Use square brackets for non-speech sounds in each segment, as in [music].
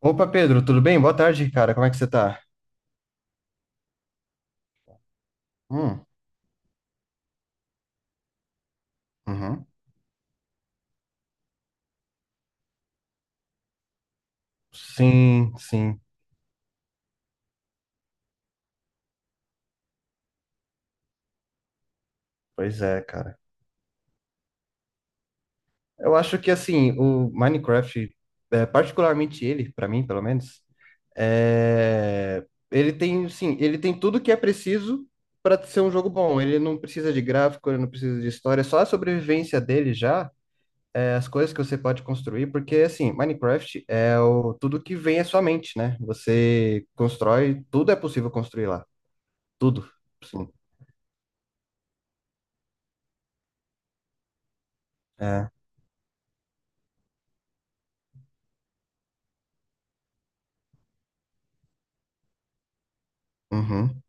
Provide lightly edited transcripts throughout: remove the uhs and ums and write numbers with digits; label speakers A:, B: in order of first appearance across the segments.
A: Opa, Pedro, tudo bem? Boa tarde, cara. Como é que você tá? Hum, uhum. Sim, sim. Pois é, cara. Eu acho que, assim, o Minecraft, particularmente ele, pra mim, pelo menos, é, ele tem, sim, ele tem tudo que é preciso pra ser um jogo bom. Ele não precisa de gráfico, ele não precisa de história, é só a sobrevivência dele já, as coisas que você pode construir, porque, assim, Minecraft é tudo que vem à sua mente, né? Você constrói, tudo é possível construir lá. Tudo. Sim. É. Uhum.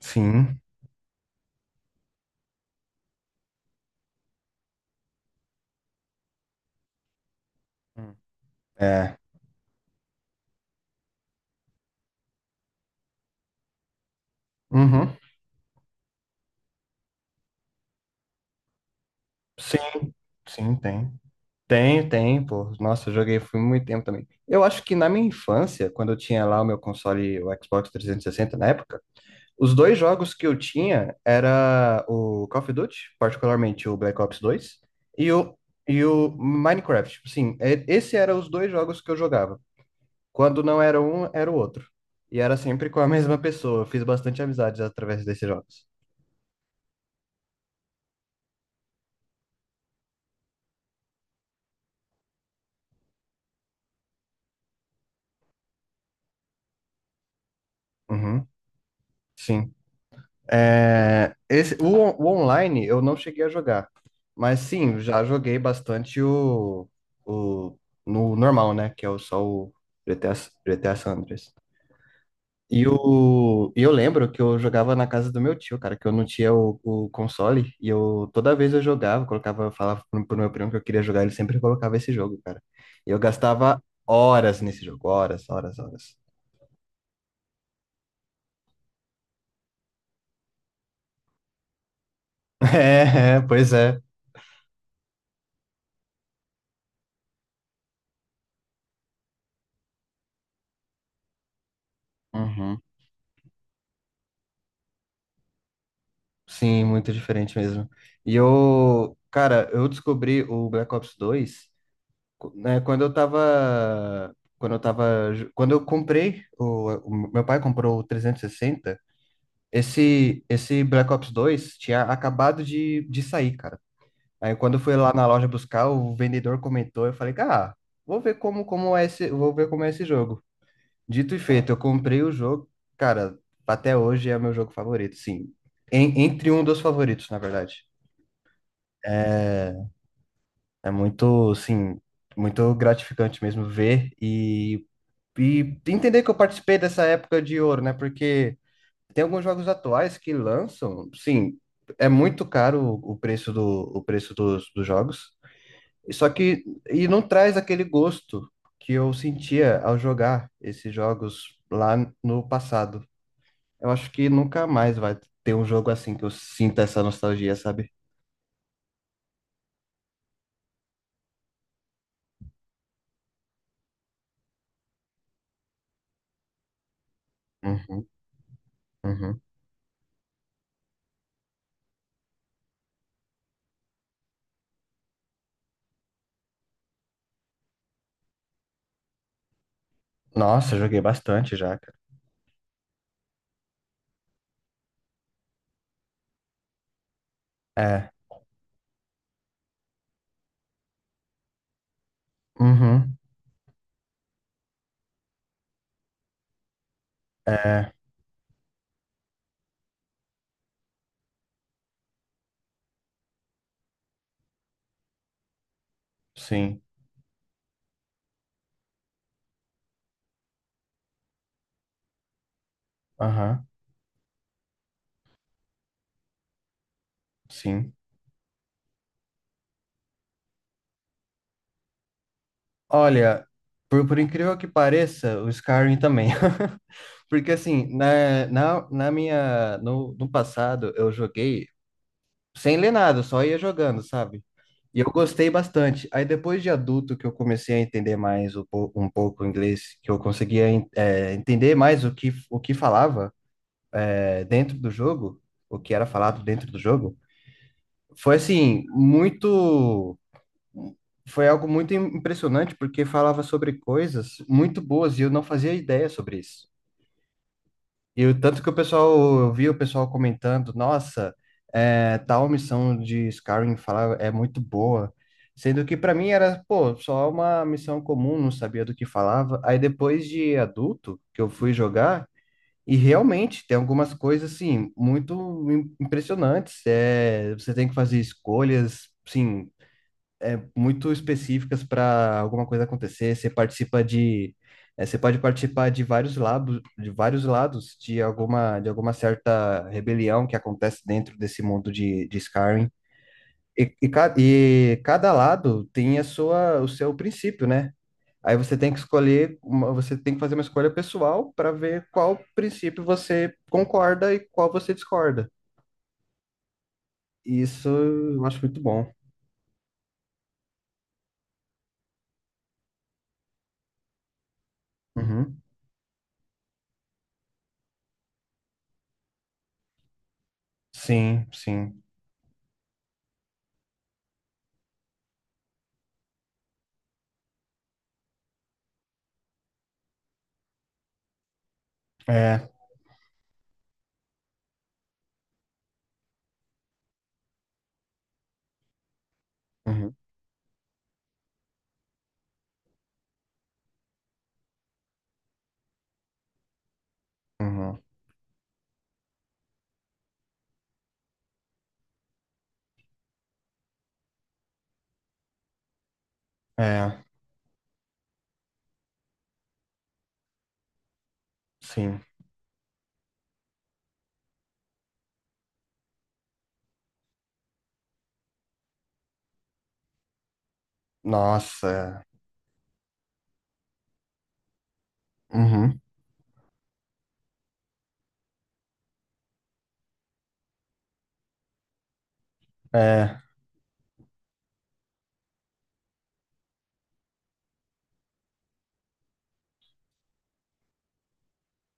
A: Sim. Hum. É. Uhum. Sim, sim, tem. Tem, tem, pô. Nossa, eu joguei foi muito tempo também. Eu acho que na minha infância, quando eu tinha lá o meu console, o Xbox 360 na época, os dois jogos que eu tinha era o Call of Duty, particularmente o Black Ops 2 e o, e o Minecraft. Sim, esse era os dois jogos que eu jogava. Quando não era um, era o outro. E era sempre com a [laughs] mesma pessoa. Eu fiz bastante amizades através desses jogos. Uhum. Sim. O online eu não cheguei a jogar, mas sim, já joguei bastante o no normal, né? Que é só o GTA San Andreas. E eu lembro que eu jogava na casa do meu tio, cara, que eu não tinha o console, e eu toda vez eu jogava, colocava, falava pro meu primo que eu queria jogar, ele sempre colocava esse jogo, cara. E eu gastava horas nesse jogo, horas, horas, horas. [laughs] É, é, pois é. Uhum. Sim, muito diferente mesmo. E eu, cara, eu descobri o Black Ops 2 né, quando eu tava, quando eu comprei, o meu pai comprou o 360. Esse Black Ops 2 tinha acabado de sair, cara. Aí quando eu fui lá na loja buscar, o vendedor comentou, eu falei, cara, vou ver como é esse, vou ver como é esse jogo. Dito e feito, eu comprei o jogo, cara, até hoje é meu jogo favorito, sim. Entre um dos favoritos, na verdade. É muito, assim, muito gratificante mesmo ver e entender que eu participei dessa época de ouro, né? Porque tem alguns jogos atuais que lançam, sim, é muito caro o preço dos jogos, só que e não traz aquele gosto que eu sentia ao jogar esses jogos lá no passado. Eu acho que nunca mais vai ter um jogo assim que eu sinta essa nostalgia, sabe? Uhum, uhum. Nossa, eu joguei bastante já, cara. É, uhum, é, sim, aham, sim. Olha, por incrível que pareça, o Skyrim também. [laughs] Porque assim, na, na, na minha, no, no passado eu joguei sem ler nada, só ia jogando, sabe? E eu gostei bastante. Aí depois de adulto que eu comecei a entender mais um pouco o inglês, que eu conseguia entender mais o que falava, dentro do jogo, o que era falado dentro do jogo, foi assim, muito, foi algo muito impressionante, porque falava sobre coisas muito boas e eu não fazia ideia sobre isso. E o tanto que o pessoal, eu vi o pessoal comentando, nossa, tal missão de Skyrim falar é muito boa. Sendo que para mim era, pô, só uma missão comum, não sabia do que falava. Aí depois de adulto, que eu fui jogar, e realmente tem algumas coisas, assim, muito impressionantes. É, você tem que fazer escolhas, sim, muito específicas para alguma coisa acontecer. Você pode participar de vários lados de alguma certa rebelião que acontece dentro desse mundo de Skyrim. E cada lado tem a sua, o seu princípio, né? Aí você tem que escolher, uma, você tem que fazer uma escolha pessoal para ver qual princípio você concorda e qual você discorda. Isso eu acho muito bom. Uhum. Sim, sim. É. Uhum, uhum. É, sim. Nossa. Uhum. É,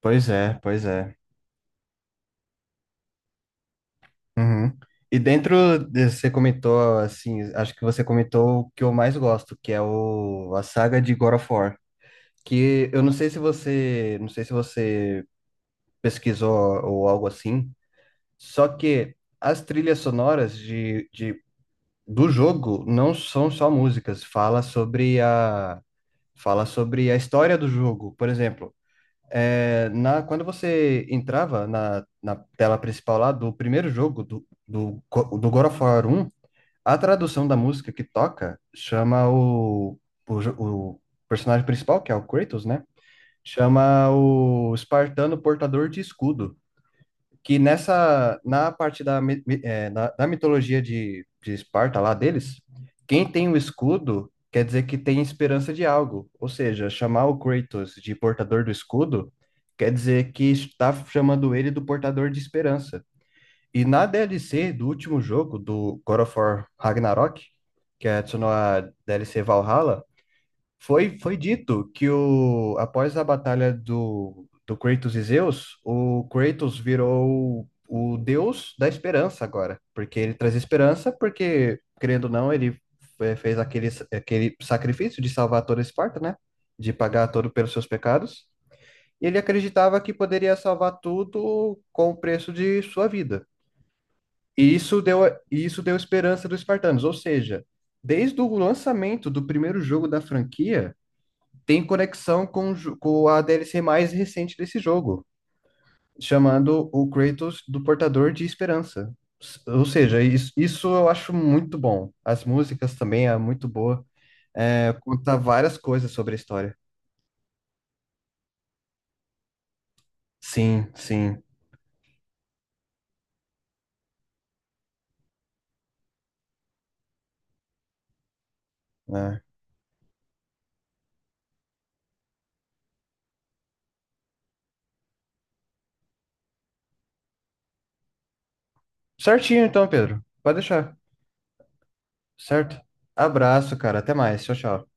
A: pois é, pois é. Uhum. E dentro, você comentou, assim, acho que você comentou o que eu mais gosto, que é a saga de God of War. Que eu não sei se você pesquisou ou algo assim, só que as trilhas sonoras do jogo não são só músicas, fala sobre a história do jogo. Por exemplo, quando você entrava na tela principal lá do primeiro jogo do God of War 1, a tradução da música que toca chama o personagem principal, que é o Kratos, né? Chama o espartano portador de escudo que nessa na parte da, mi- mi- eh, na- da mitologia de Esparta lá deles, quem tem o escudo quer dizer que tem esperança de algo. Ou seja, chamar o Kratos de portador do escudo quer dizer que está chamando ele do portador de esperança. E na DLC do último jogo, do God of War Ragnarok, que adicionou a DLC Valhalla, foi dito que após a batalha do Kratos e Zeus, o Kratos virou o deus da esperança agora, porque ele traz esperança, porque, querendo ou não, ele fez aquele sacrifício de salvar toda Esparta, né? De pagar todo pelos seus pecados. E ele acreditava que poderia salvar tudo com o preço de sua vida. E isso deu, e isso deu esperança dos espartanos, ou seja, desde o lançamento do primeiro jogo da franquia tem conexão com a DLC mais recente desse jogo, chamando o Kratos do Portador de Esperança. Ou seja, isso eu acho muito bom. As músicas também é muito boa. É, conta várias coisas sobre a história. Sim, sim. Né. Certinho então, Pedro. Pode deixar. Certo? Abraço, cara. Até mais. Tchau, tchau.